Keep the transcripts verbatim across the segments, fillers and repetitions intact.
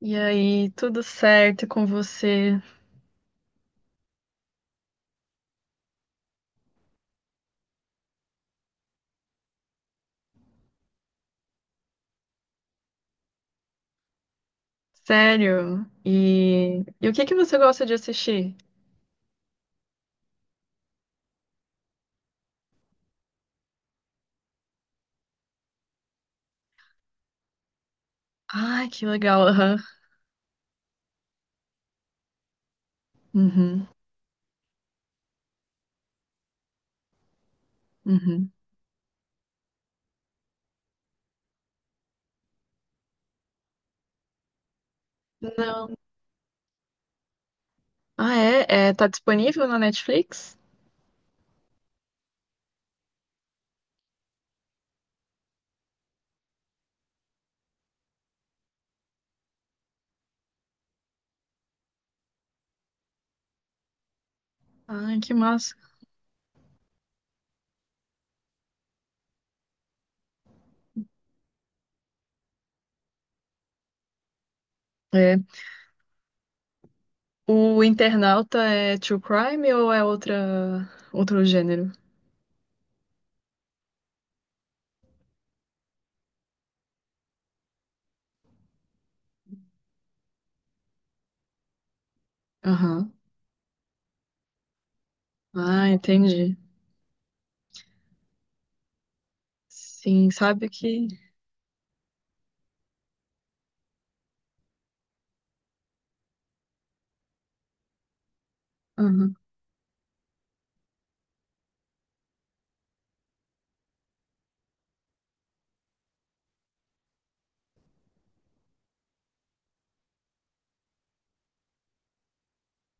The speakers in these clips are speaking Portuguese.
E aí, tudo certo com você? Sério? E, e o que que você gosta de assistir? Ai, que legal, aham. Uhum, uhum. Não. Ah, é? É, tá disponível na Netflix? Ai, que massa. É. O Internauta é true crime ou é outra, outro gênero? Aham. Ah, entendi. Sim, sabe que... Aham.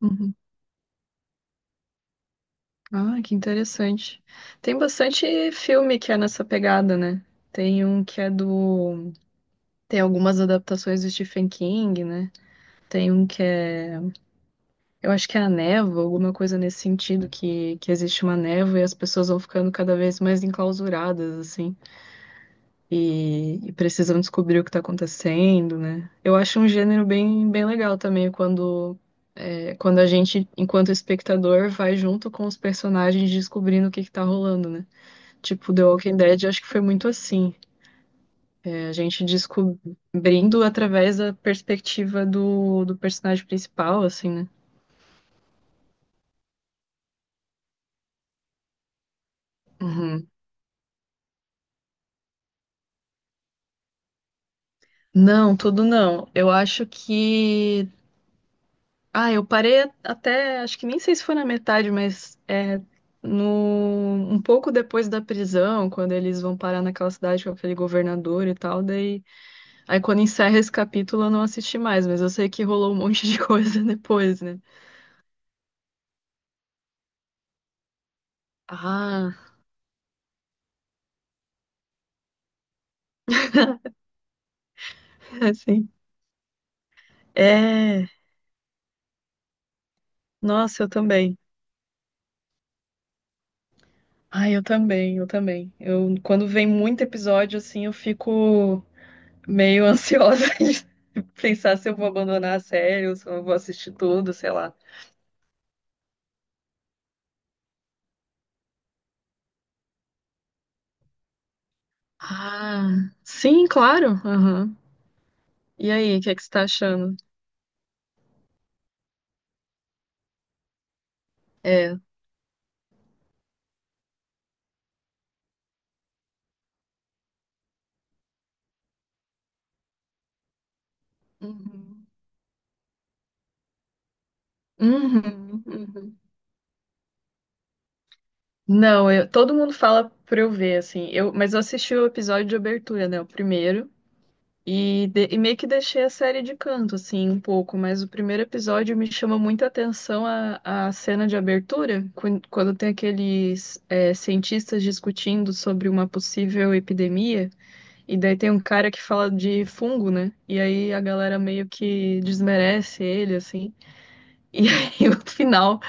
Uhum. Ah, que interessante. Tem bastante filme que é nessa pegada, né? Tem um que é do. Tem algumas adaptações do Stephen King, né? Tem um que é. Eu acho que é a névoa, alguma coisa nesse sentido, que, que existe uma névoa e as pessoas vão ficando cada vez mais enclausuradas, assim. E, e precisam descobrir o que tá acontecendo, né? Eu acho um gênero bem, bem legal também, quando, é, quando a gente, enquanto espectador, vai junto com os personagens descobrindo o que que tá rolando, né? Tipo, The Walking Dead, acho que foi muito assim. É, a gente descobrindo através da perspectiva do, do personagem principal, assim, né? Uhum. Não, tudo não. Eu acho que. Ah, eu parei até. Acho que nem sei se foi na metade, mas é no, um pouco depois da prisão, quando eles vão parar naquela cidade com aquele governador e tal. Daí. Aí quando encerra esse capítulo eu não assisti mais, mas eu sei que rolou um monte de coisa depois, né? Ah, assim. É. Nossa, eu também. Ai, eu também, eu também. Eu, quando vem muito episódio, assim, eu fico meio ansiosa de pensar se eu vou abandonar a série ou se eu vou assistir tudo, sei lá. Ah, sim, claro. Aham. E aí, o que é que você tá achando? É. Uhum. Uhum, uhum. Não, eu- todo mundo fala pra eu ver, assim. Eu, mas eu assisti o episódio de abertura, né? O primeiro. E, de- e meio que deixei a série de canto, assim, um pouco, mas o primeiro episódio me chama muita atenção a, a cena de abertura, quan- quando tem aqueles é, cientistas discutindo sobre uma possível epidemia, e daí tem um cara que fala de fungo, né? E aí a galera meio que desmerece ele, assim. E aí no final,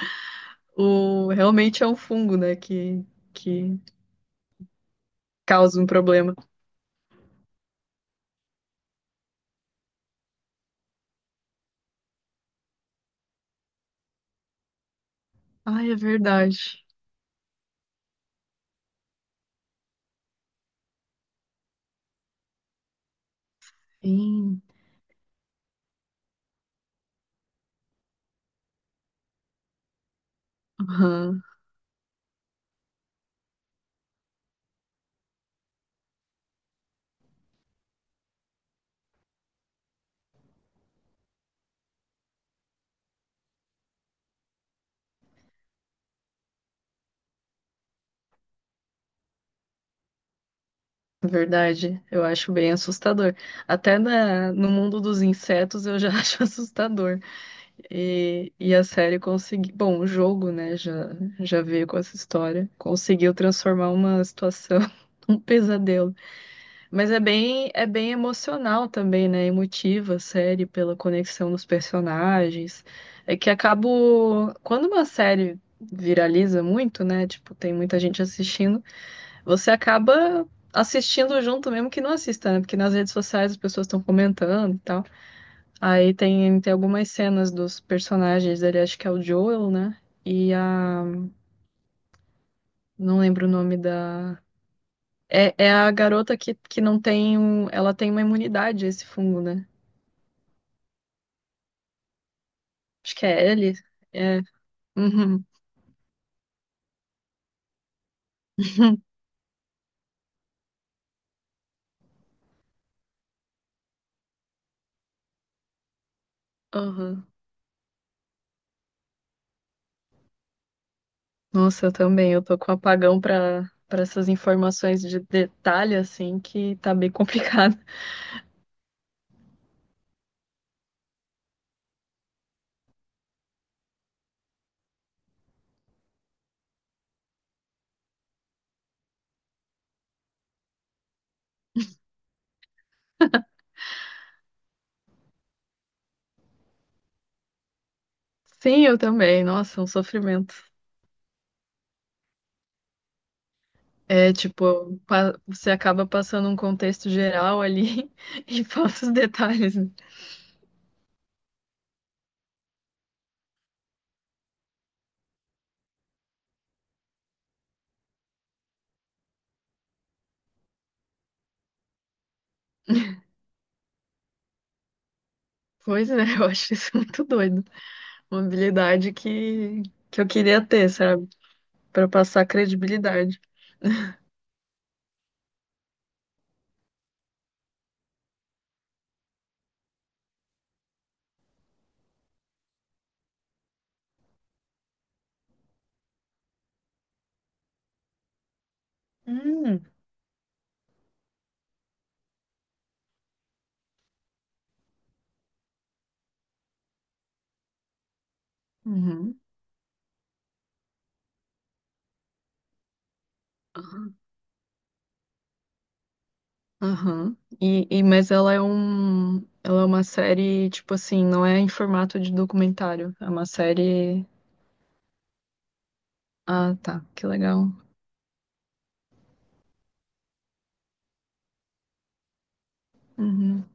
o realmente é um fungo, né? Que, que causa um problema. Ai, é verdade. Sim. Aham. Verdade, eu acho bem assustador. Até na, no mundo dos insetos eu já acho assustador. E, e a série conseguiu. Bom, o jogo, né, já, já veio com essa história. Conseguiu transformar uma situação um pesadelo. Mas é bem, é bem emocional também, né? Emotiva a série pela conexão dos personagens. É que acabo. Quando uma série viraliza muito, né? Tipo, tem muita gente assistindo você acaba assistindo junto, mesmo que não assista, né? Porque nas redes sociais as pessoas estão comentando e tal. Aí tem, tem algumas cenas dos personagens dele, acho que é o Joel, né? E a. Não lembro o nome da. É, é a garota que, que não tem um. Ela tem uma imunidade a esse fungo, né? Acho que é Ellie. É. Uhum. Uhum. Nossa, eu também. Eu tô com apagão pra, pra essas informações de detalhe, assim, que tá bem complicado. Sim, eu também. Nossa, é um sofrimento. É, tipo, pa- você acaba passando um contexto geral ali e falta os detalhes, né? Pois é, eu acho isso muito doido. Uma habilidade que, que eu queria ter, sabe? Pra passar credibilidade. Hum. Uhum. Aham. Aham. E, e, mas ela é um, ela é uma série, tipo assim, não é em formato de documentário. É uma série. Ah, tá, que legal. Uhum.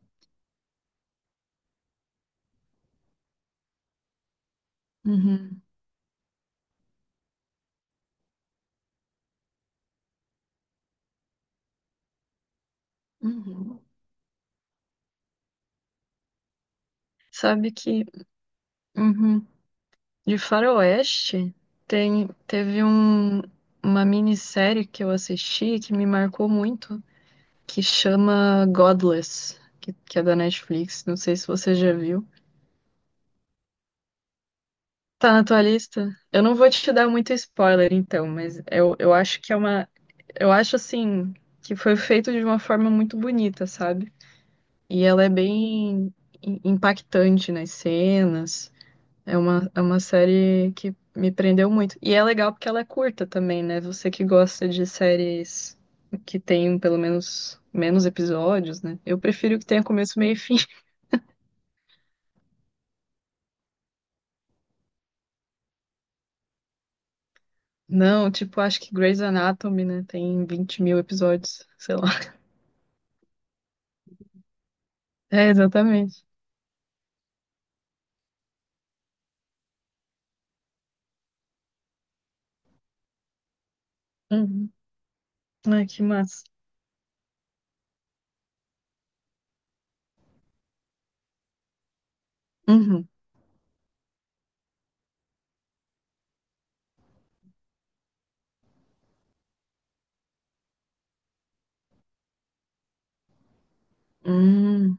Uhum. Uhum. Sabe que. Uhum. De Faroeste, tem, teve um, uma minissérie que eu assisti que me marcou muito, que chama Godless, que, que é da Netflix. Não sei se você já viu. Tá na tua lista? Eu não vou te dar muito spoiler, então, mas eu, eu acho que é uma. Eu acho assim que foi feito de uma forma muito bonita, sabe? E ela é bem im- impactante nas cenas. É uma, é uma série que me prendeu muito. E é legal porque ela é curta também, né? Você que gosta de séries que tem pelo menos menos episódios, né? Eu prefiro que tenha começo, meio e fim. Não, tipo, acho que Grey's Anatomy, né? Tem vinte mil episódios, sei lá. É, exatamente. Uhum. Ai, que massa. Uhum. Hum,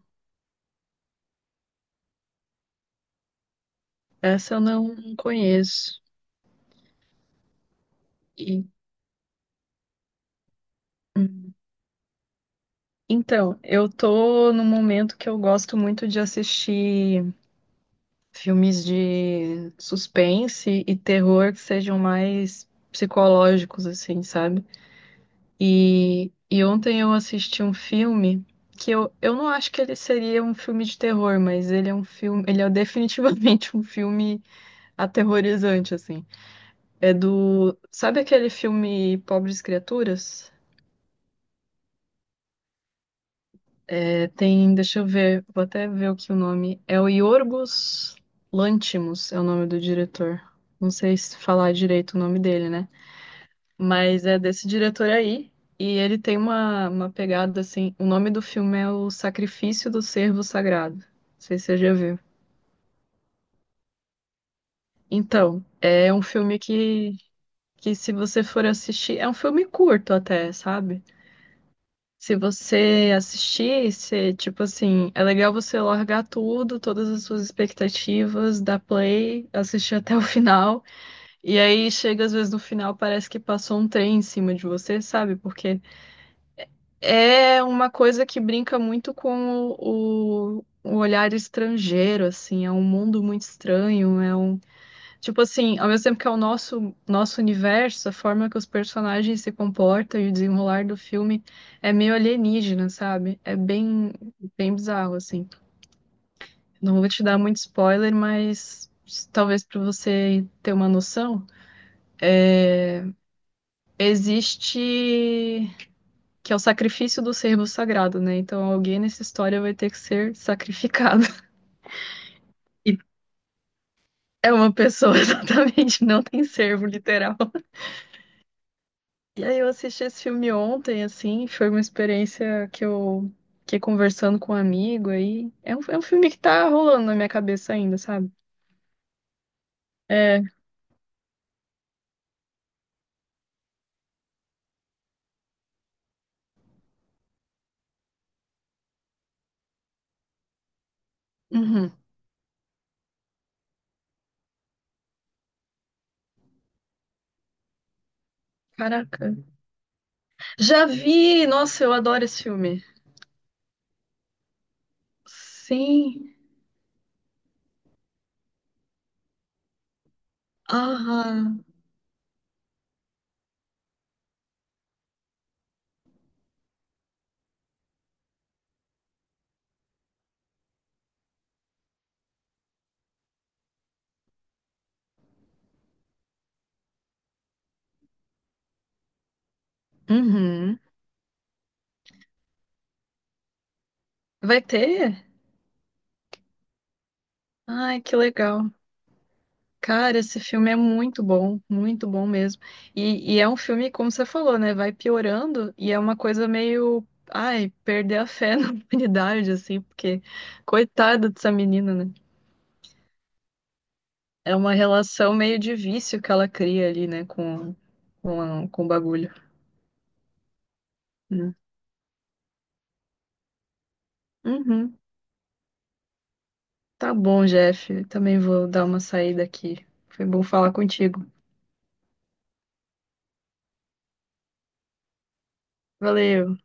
essa eu não conheço. E, hum. Então, eu tô num momento que eu gosto muito de assistir. Filmes de suspense e terror que sejam mais psicológicos, assim, sabe? E, e ontem eu assisti um filme que eu, eu não acho que ele seria um filme de terror, mas ele é um filme, ele é definitivamente um filme aterrorizante, assim. É do, sabe aquele filme Pobres Criaturas? É, tem, deixa eu ver, vou até ver aqui o nome. É o Yorgos Lanthimos, é o nome do diretor. Não sei se falar direito o nome dele, né? Mas é desse diretor aí. E ele tem uma, uma pegada assim. O nome do filme é O Sacrifício do Servo Sagrado. Não sei se você já viu. Então, é um filme que, que se você for assistir. É um filme curto até, sabe? Se você assistir, você, tipo assim, é legal você largar tudo, todas as suas expectativas, dar play, assistir até o final. E aí chega às vezes no final, parece que passou um trem em cima de você, sabe? Porque é uma coisa que brinca muito com o, o- olhar estrangeiro, assim, é um mundo muito estranho, é um, tipo assim, ao mesmo tempo que é o nosso nosso universo, a forma que os personagens se comportam e o desenrolar do filme é meio alienígena, sabe? É bem bem bizarro, assim. Não vou te dar muito spoiler, mas talvez para você ter uma noção, existe que é o sacrifício do servo sagrado, né? Então alguém nessa história vai ter que ser sacrificado. E é uma pessoa, exatamente, não tem servo, literal. E aí eu assisti esse filme ontem, assim, foi uma experiência que eu fiquei conversando com um amigo aí. É um, é um filme que tá rolando na minha cabeça ainda, sabe? É. Uhum. Caraca. Já vi! Nossa, eu adoro esse filme. Sim. Aham. Uhum. Vai ter? Ai, que legal. Cara, esse filme é muito bom, muito bom mesmo. E, e é um filme, como você falou, né? Vai piorando e é uma coisa meio, ai, perder a fé na humanidade, assim, porque coitada dessa menina, né? É uma relação meio de vício que ela cria ali, né, com, com, a- com o bagulho, né? Uhum. Tá bom, Jeff. Também vou dar uma saída aqui. Foi bom falar contigo. Valeu.